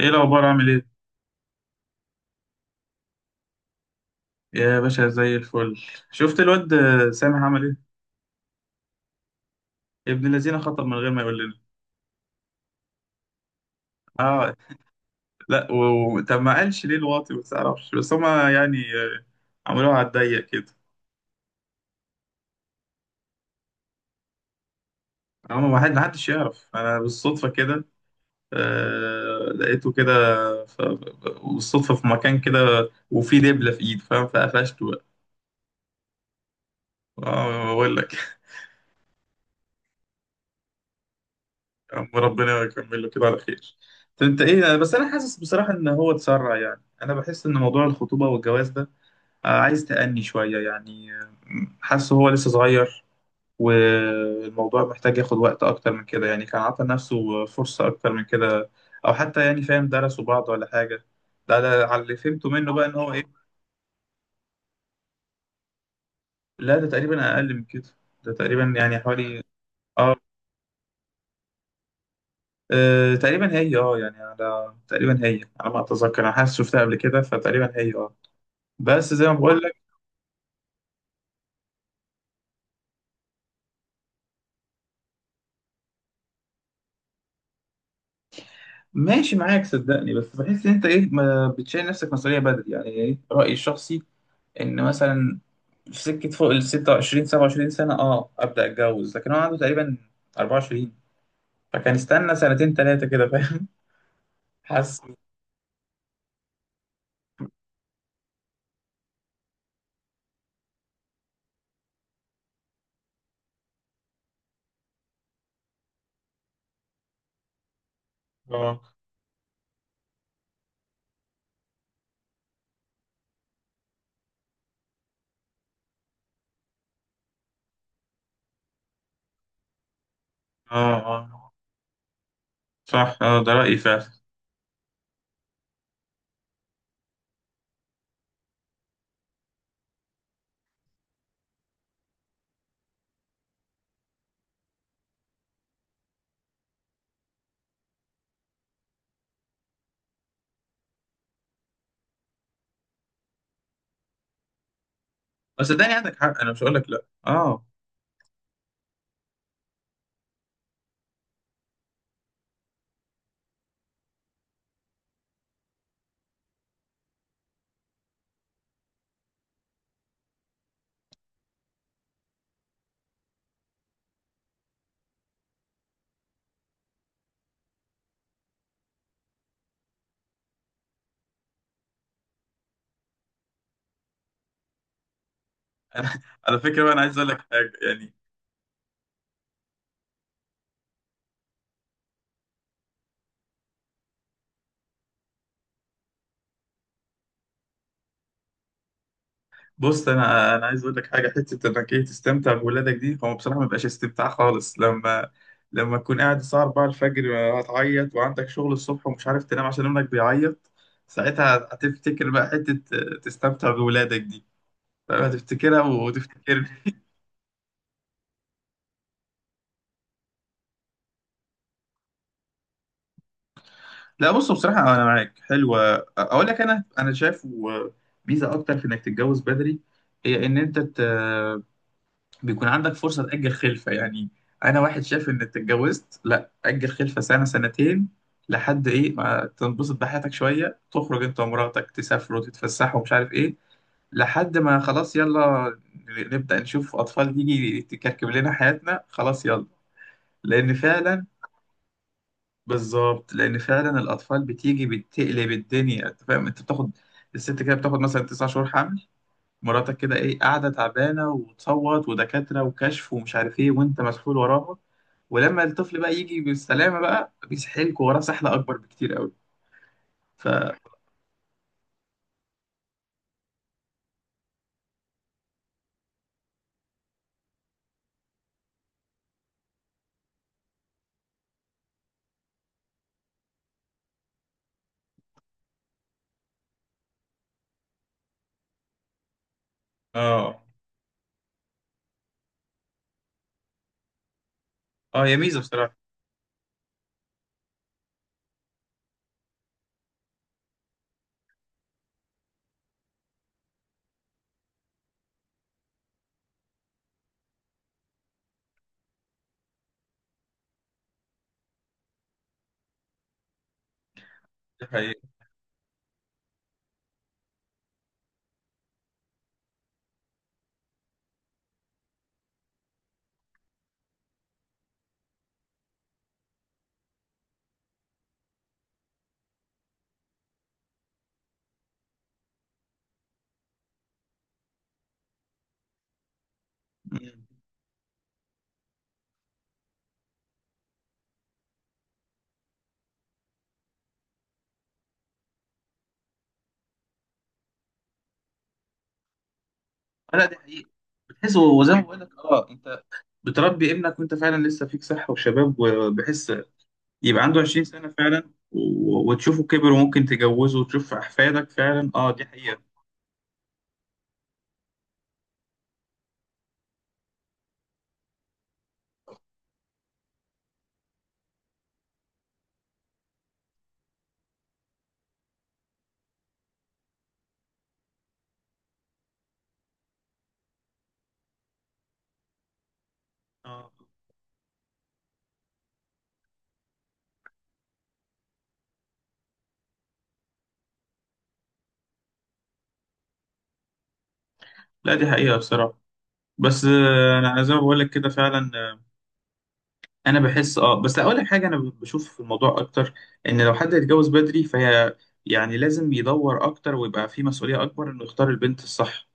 ايه الاخبار؟ عامل ايه؟ يا باشا، زي الفل. شفت الواد سامح عمل ايه؟ ابن الذين خطب من غير ما يقول لنا. اه. لا طب ما قالش ليه الواطي؟ ما تعرفش، بس هما يعني عملوها على الضيق كده. هما ما حدش يعرف، انا بالصدفه كده. لقيته كده، ف... بالصدفه في مكان كده، وفي دبله في ايده، فاهم؟ فقفشته بقى. اه، بقول لك. يا عم ربنا يكمل له كده على خير. طب انت ايه؟ بس انا حاسس بصراحه ان هو اتسرع، يعني انا بحس ان موضوع الخطوبه والجواز ده عايز تأني شوية يعني. حاسه هو لسه صغير، والموضوع محتاج ياخد وقت أكتر من كده، يعني كان عطى نفسه فرصة أكتر من كده، أو حتى يعني، فاهم، درسوا بعض ولا حاجة. ده على اللي فهمته منه بقى، إن هو إيه. لا ده تقريبا أقل من كده، ده تقريبا يعني حوالي. آه. تقريبا هي، اه، يعني على، تقريبا هي على ما اتذكر، انا حاسس شفتها قبل كده، فتقريبا هي اه. بس زي ما بقول لك. ماشي معاك، صدقني، بس بحس ان انت ايه، ما بتشيل نفسك مسؤوليه بدري، يعني ايه رايي الشخصي ان مثلا في سكه فوق ال 26 27 سنه، اه ابدا اتجوز، لكن هو عنده تقريبا 24. فكان استنى سنتين ثلاثه كده، فاهم. حاسس. اه. اه. اه. صح، اه، ده رأيي فعلا. بس صدقني عندك حق، انا مش هقول لك لا، اه. انا، على فكره بقى، انا عايز اقول لك حاجه يعني. بص، انا عايز اقول لك حاجه، حته انك ايه، تستمتع بولادك دي، هو بصراحه ما بيبقاش استمتاع خالص لما تكون قاعد الساعه 4 الفجر، هتعيط وعندك شغل الصبح ومش عارف تنام عشان ابنك بيعيط. ساعتها هتفتكر بقى حته تستمتع بولادك دي. فاهم؟ هتفتكرها وتفتكرني. لا بص، بصراحه انا معاك، حلوه. اقول لك، انا شايف ميزه اكتر في انك تتجوز بدري، هي ان انت بيكون عندك فرصة تأجل خلفة يعني. أنا واحد شايف إنك اتجوزت، لأ، أجل خلفة سنة سنتين، لحد إيه ما تنبسط بحياتك شوية، تخرج أنت ومراتك، تسافروا تتفسحوا ومش عارف إيه، لحد ما خلاص يلا نبدأ نشوف أطفال تيجي تكركب لنا حياتنا. خلاص يلا، لأن فعلا. بالظبط، لأن فعلا الأطفال بتيجي بتقلب الدنيا. أنت فاهم، أنت بتاخد، الست كده بتاخد مثلا 9 شهور، مراتك كده ايه قاعده تعبانه وتصوت ودكاتره وكشف ومش عارف ايه، وانت مسحول وراها. ولما الطفل بقى يجي بالسلامه بقى، بيسحلك وراه سحله اكبر بكتير قوي. ف، اه. اه، هي ميزه بصراحه. دي حقيقه. مم. لا دي حقيقه. بتحس، وزي ما بقول لك اه، انت بتربي ابنك وانت فعلا لسه فيك صحه وشباب، وبحس يبقى عنده 20 سنه فعلا وتشوفه كبر، وممكن تجوزه وتشوف احفادك فعلا. اه، دي حقيقه. آه. لا دي حقيقه بصراحه. بس انا زي ما بقول لك كده فعلا، انا بحس اه. بس اقول لك حاجه، انا بشوف في الموضوع اكتر، ان لو حد يتجوز بدري فهي يعني لازم يدور اكتر، ويبقى في مسؤوليه اكبر انه يختار البنت الصح،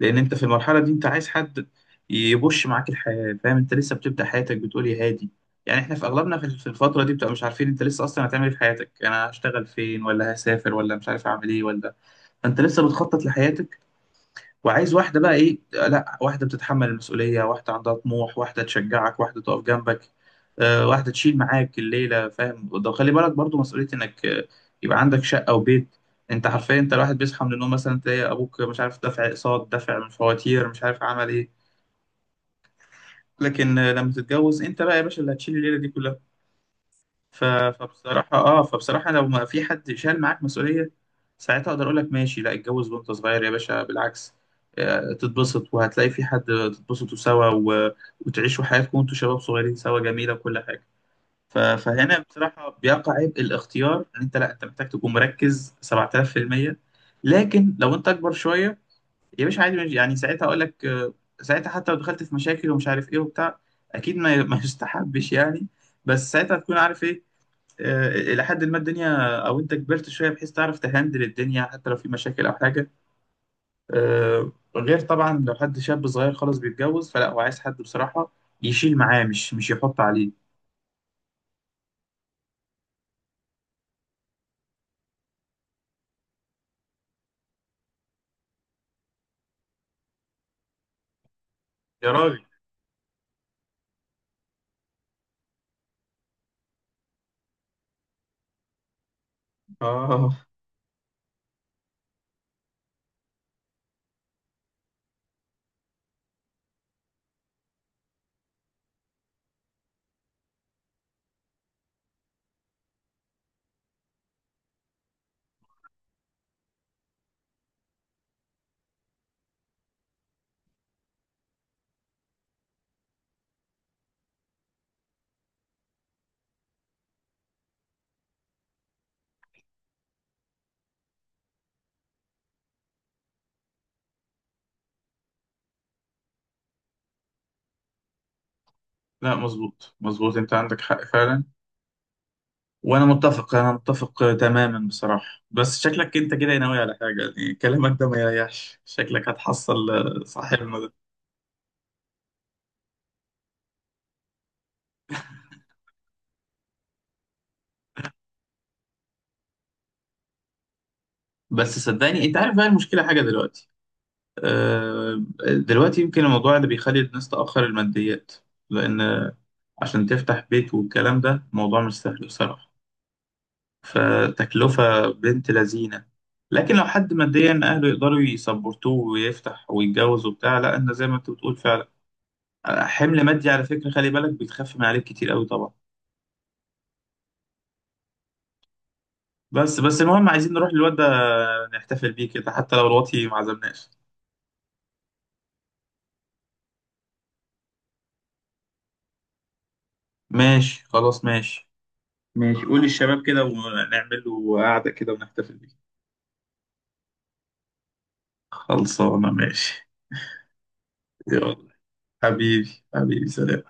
لان انت في المرحله دي انت عايز حد يبش معاك الحياه، فاهم، انت لسه بتبدا حياتك، بتقول يا هادي. يعني احنا في اغلبنا في الفتره دي بتبقى مش عارفين، انت لسه اصلا هتعمل ايه في حياتك، يعني انا هشتغل فين، ولا هسافر، ولا مش عارف اعمل ايه، ولا. فانت لسه بتخطط لحياتك، وعايز واحدة بقى إيه، لا، واحدة بتتحمل المسؤولية، واحدة عندها طموح، واحدة تشجعك، واحدة تقف جنبك، واحدة تشيل معاك الليلة. فاهم، ده خلي بالك برضو مسؤولية إنك يبقى عندك شقة وبيت. أنت حرفيا، أنت الواحد بيصحى من النوم مثلا، تلاقي أبوك مش عارف دفع أقساط، دفع من فواتير، مش عارف عمل إيه. لكن لما تتجوز أنت بقى يا باشا، اللي هتشيل الليلة دي كلها. ف- فبصراحة اه، فبصراحة لو ما في حد شال معاك مسؤولية، ساعتها اقدر اقول لك ماشي، لا اتجوز وانت صغير يا باشا، بالعكس، تتبسط وهتلاقي في حد، تتبسطوا سوا وتعيشوا حياتكم وانتوا شباب صغيرين سوا، جميلة وكل حاجة. فهنا بصراحة بيقع عبء الاختيار، ان انت، لا انت محتاج تكون مركز 7000%. لكن لو انت اكبر شوية يا باشا، عادي يعني، ساعتها اقول لك ساعتها حتى لو دخلت في مشاكل ومش عارف ايه وبتاع، اكيد ما يستحبش يعني، بس ساعتها تكون عارف إيه. الى حد ما الدنيا، او انت كبرت شويه، بحيث تعرف تهندل الدنيا حتى لو في مشاكل او حاجه آه، غير طبعا لو حد شاب صغير خالص بيتجوز، فلا، هو عايز حد بصراحه يشيل معاه، مش يحط عليه. يا راجل، اه. لا، مظبوط مظبوط، انت عندك حق فعلا. وانا متفق، انا متفق تماما بصراحه. بس شكلك انت كده ناوي على حاجه، يعني كلامك ده ما يريحش، شكلك هتحصل صاحبنا ده. بس صدقني، انت عارف بقى المشكله حاجه دلوقتي، آه، دلوقتي يمكن الموضوع اللي بيخلي الناس تأخر الماديات، لأن عشان تفتح بيت والكلام ده موضوع مش سهل بصراحة، فتكلفة بنت لذينة. لكن لو حد ماديا أهله يقدروا يسبورتوه ويفتح ويتجوز وبتاع، لا، أنا زي ما أنت بتقول فعلا، حمل مادي على فكرة، خلي بالك، بيتخف من عليك كتير قوي طبعا. بس بس المهم، عايزين نروح للواد ده نحتفل بيه كده، حتى لو الواطي ما عزمناش. ماشي، خلاص ماشي. ماشي قول للشباب كده، ونعمل له قعدة كده ونحتفل بيه. خلصانة ماشي. يلا، حبيبي حبيبي، سلام.